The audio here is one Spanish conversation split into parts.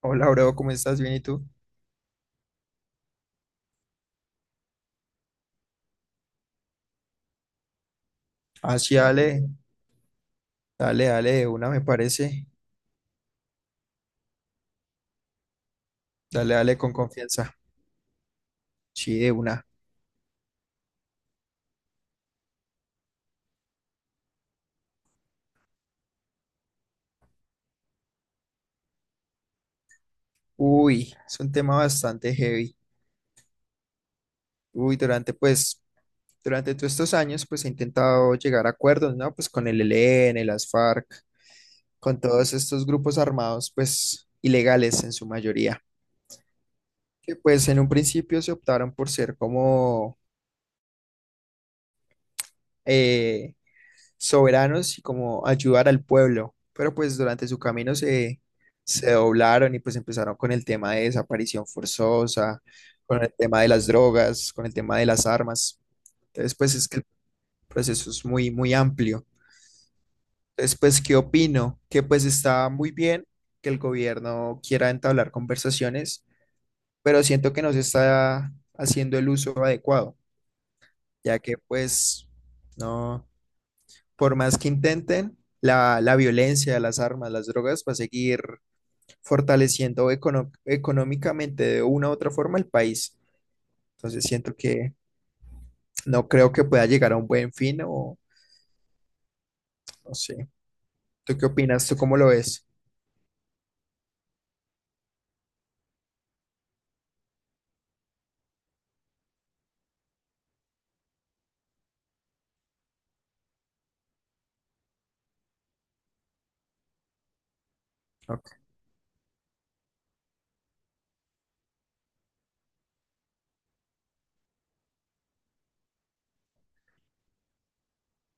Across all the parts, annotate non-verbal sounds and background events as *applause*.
Hola, bro, ¿cómo estás? Bien, ¿y tú? Ah, sí, dale, dale, de una me parece. Dale, dale con confianza. Sí, de una. Uy, es un tema bastante heavy. Uy, durante, pues, durante todos estos años, pues he intentado llegar a acuerdos, ¿no? Pues con el ELN, las FARC, con todos estos grupos armados, pues, ilegales en su mayoría. Que pues en un principio se optaron por ser como eh, soberanos y como ayudar al pueblo. Pero pues durante su camino se doblaron y pues empezaron con el tema de desaparición forzosa, con el tema de las drogas, con el tema de las armas. Entonces pues es que el proceso es muy, muy amplio. Entonces pues, ¿qué opino? Que pues está muy bien que el gobierno quiera entablar conversaciones, pero siento que no se está haciendo el uso adecuado, ya que pues no. Por más que intenten, la violencia, las armas, las drogas va a seguir fortaleciendo económicamente de una u otra forma el país. Entonces siento que no creo que pueda llegar a un buen fin o no sé. ¿Tú qué opinas? ¿Tú cómo lo ves? Ok.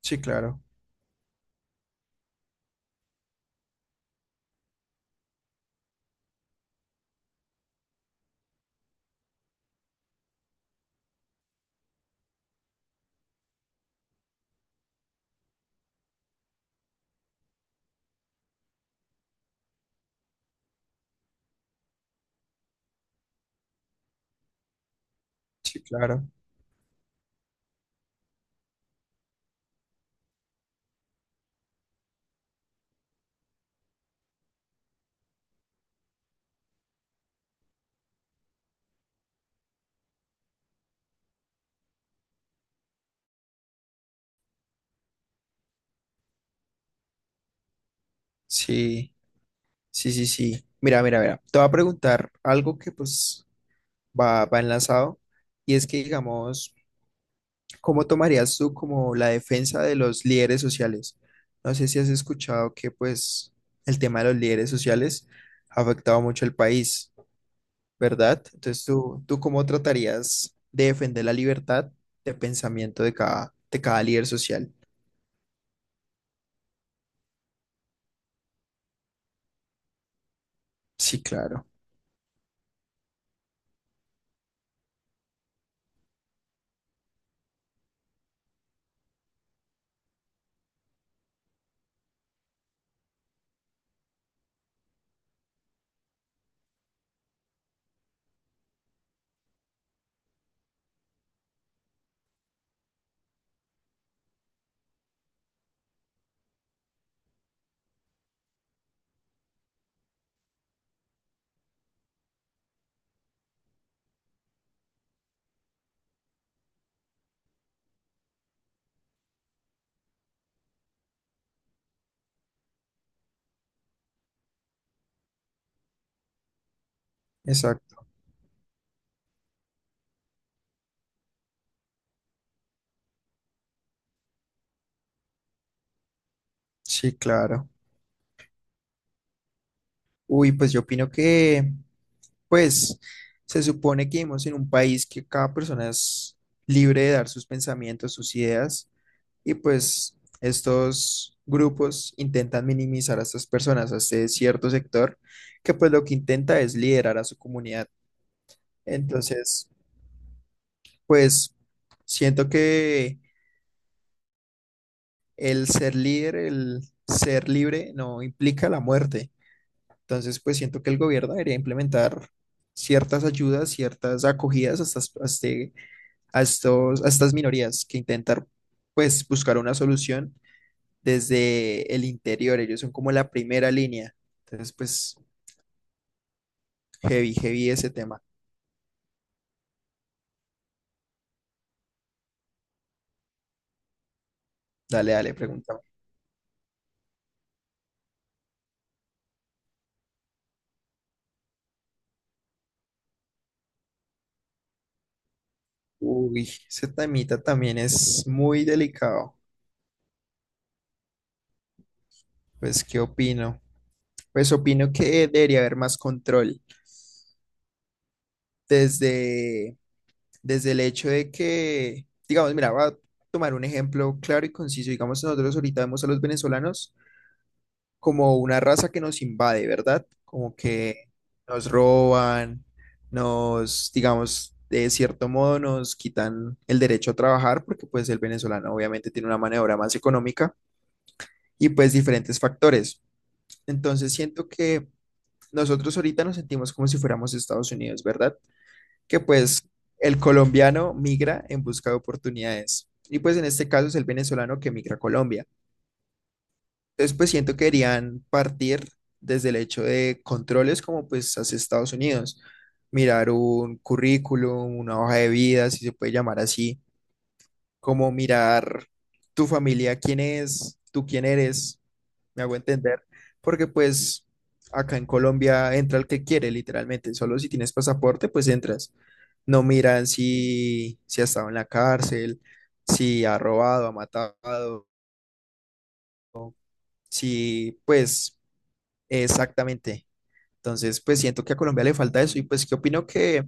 Sí, claro. Sí, claro. Sí, sí, sí, sí. Mira, mira, mira. Te voy a preguntar algo que pues va enlazado y es que digamos... ¿Cómo tomarías tú como la defensa de los líderes sociales? No sé si has escuchado que pues el tema de los líderes sociales ha afectado mucho al país, ¿verdad? Entonces, tú cómo tratarías de defender la libertad de pensamiento de de cada líder social? Sí, claro, exacto, sí, claro. Uy, pues yo opino que, pues, se supone que vivimos en un país que cada persona es libre de dar sus pensamientos, sus ideas. Y pues estos grupos intentan minimizar a estas personas, a este cierto sector, que pues lo que intenta es liderar a su comunidad. Entonces, pues siento que el ser líder, el ser libre, no implica la muerte. Entonces, pues siento que el gobierno debería implementar ciertas ayudas, ciertas acogidas a estas, a estos, a estas minorías que intentar pues buscar una solución desde el interior. Ellos son como la primera línea. Entonces, pues, heavy, heavy ese tema. Dale, dale, pregúntame. Uy, ese temita también es muy delicado. Pues, ¿qué opino? Pues opino que debería haber más control desde, desde el hecho de que, digamos, mira, voy a tomar un ejemplo claro y conciso. Digamos, nosotros ahorita vemos a los venezolanos como una raza que nos invade, ¿verdad? Como que nos roban, digamos, de cierto modo nos quitan el derecho a trabajar porque pues el venezolano obviamente tiene una mano de obra más económica y pues diferentes factores. Entonces siento que nosotros ahorita nos sentimos como si fuéramos Estados Unidos, ¿verdad? Que pues el colombiano migra en busca de oportunidades y pues en este caso es el venezolano que migra a Colombia. Entonces, pues siento que querían partir desde el hecho de controles como pues hacia Estados Unidos, mirar un currículum, una hoja de vida, si se puede llamar así, como mirar tu familia, quién es, tú quién eres, me hago entender, porque pues acá en Colombia entra el que quiere, literalmente, solo si tienes pasaporte, pues entras. No miran si ha estado en la cárcel, si ha robado, ha matado, si pues... Exactamente. Entonces, pues siento que a Colombia le falta eso y pues que opino que,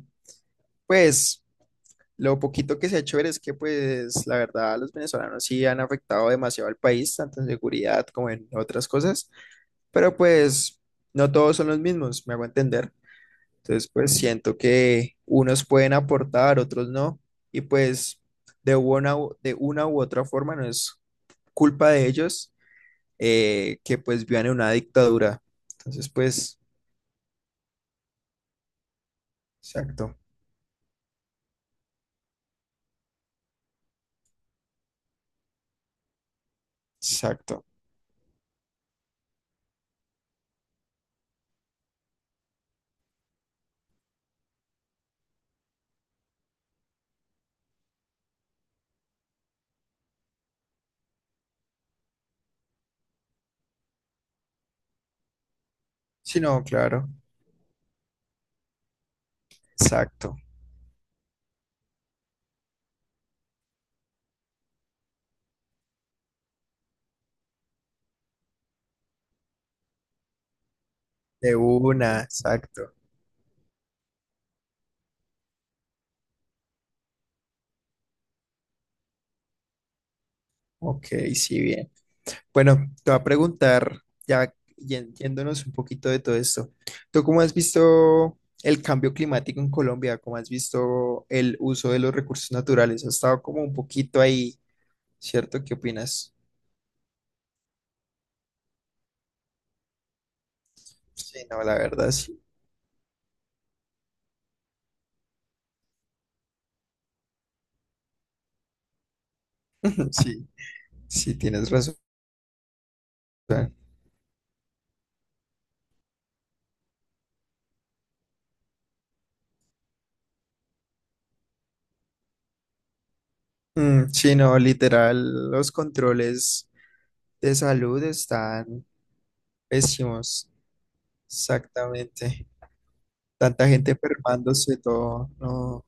pues, lo poquito que se ha hecho ver es que, pues, la verdad, los venezolanos sí han afectado demasiado al país, tanto en seguridad como en otras cosas, pero pues no todos son los mismos, me hago entender. Entonces, pues siento que unos pueden aportar, otros no, y pues de una, de una u otra forma no es culpa de ellos que pues vivan en una dictadura. Entonces, pues, exacto, exacto. Sí, no, claro. Exacto. De una, exacto. Ok, sí, bien. Bueno, te voy a preguntar, ya yéndonos un poquito de todo esto, ¿tú cómo has visto el cambio climático en Colombia? ¿Cómo has visto el uso de los recursos naturales? Ha estado como un poquito ahí, ¿cierto? ¿Qué opinas? Sí, no, la verdad, sí. *laughs* Sí, sí, tienes razón. Mm, sí, no, literal, los controles de salud están pésimos. Exactamente. Tanta gente enfermándose, todo, no.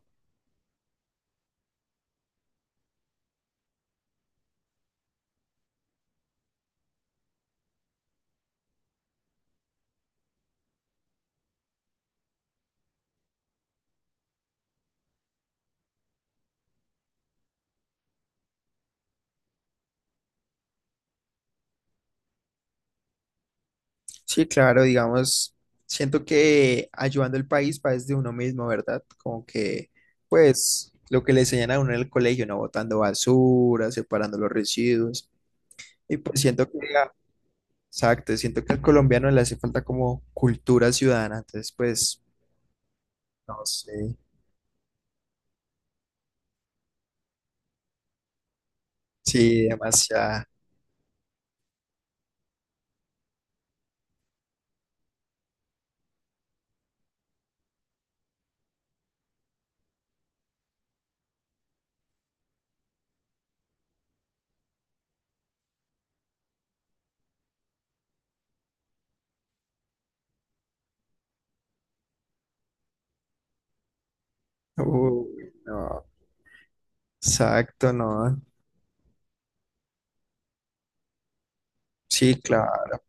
Sí, claro, digamos, siento que ayudando al país va desde uno mismo, ¿verdad? Como que, pues, lo que le enseñan a uno en el colegio, ¿no? Botando basura, separando los residuos. Y pues siento que, exacto, siento que al colombiano le hace falta como cultura ciudadana, entonces, pues, no sé. Sí, demasiado. Uy, no, exacto, no. Sí, claro.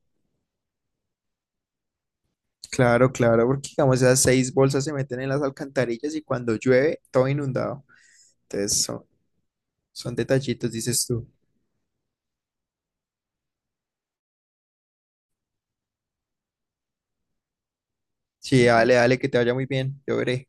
Claro, claro, porque digamos esas seis bolsas se meten en las alcantarillas y cuando llueve todo inundado. Entonces son, son detallitos, dices tú. Sí, dale, dale, que te vaya muy bien. Yo veré.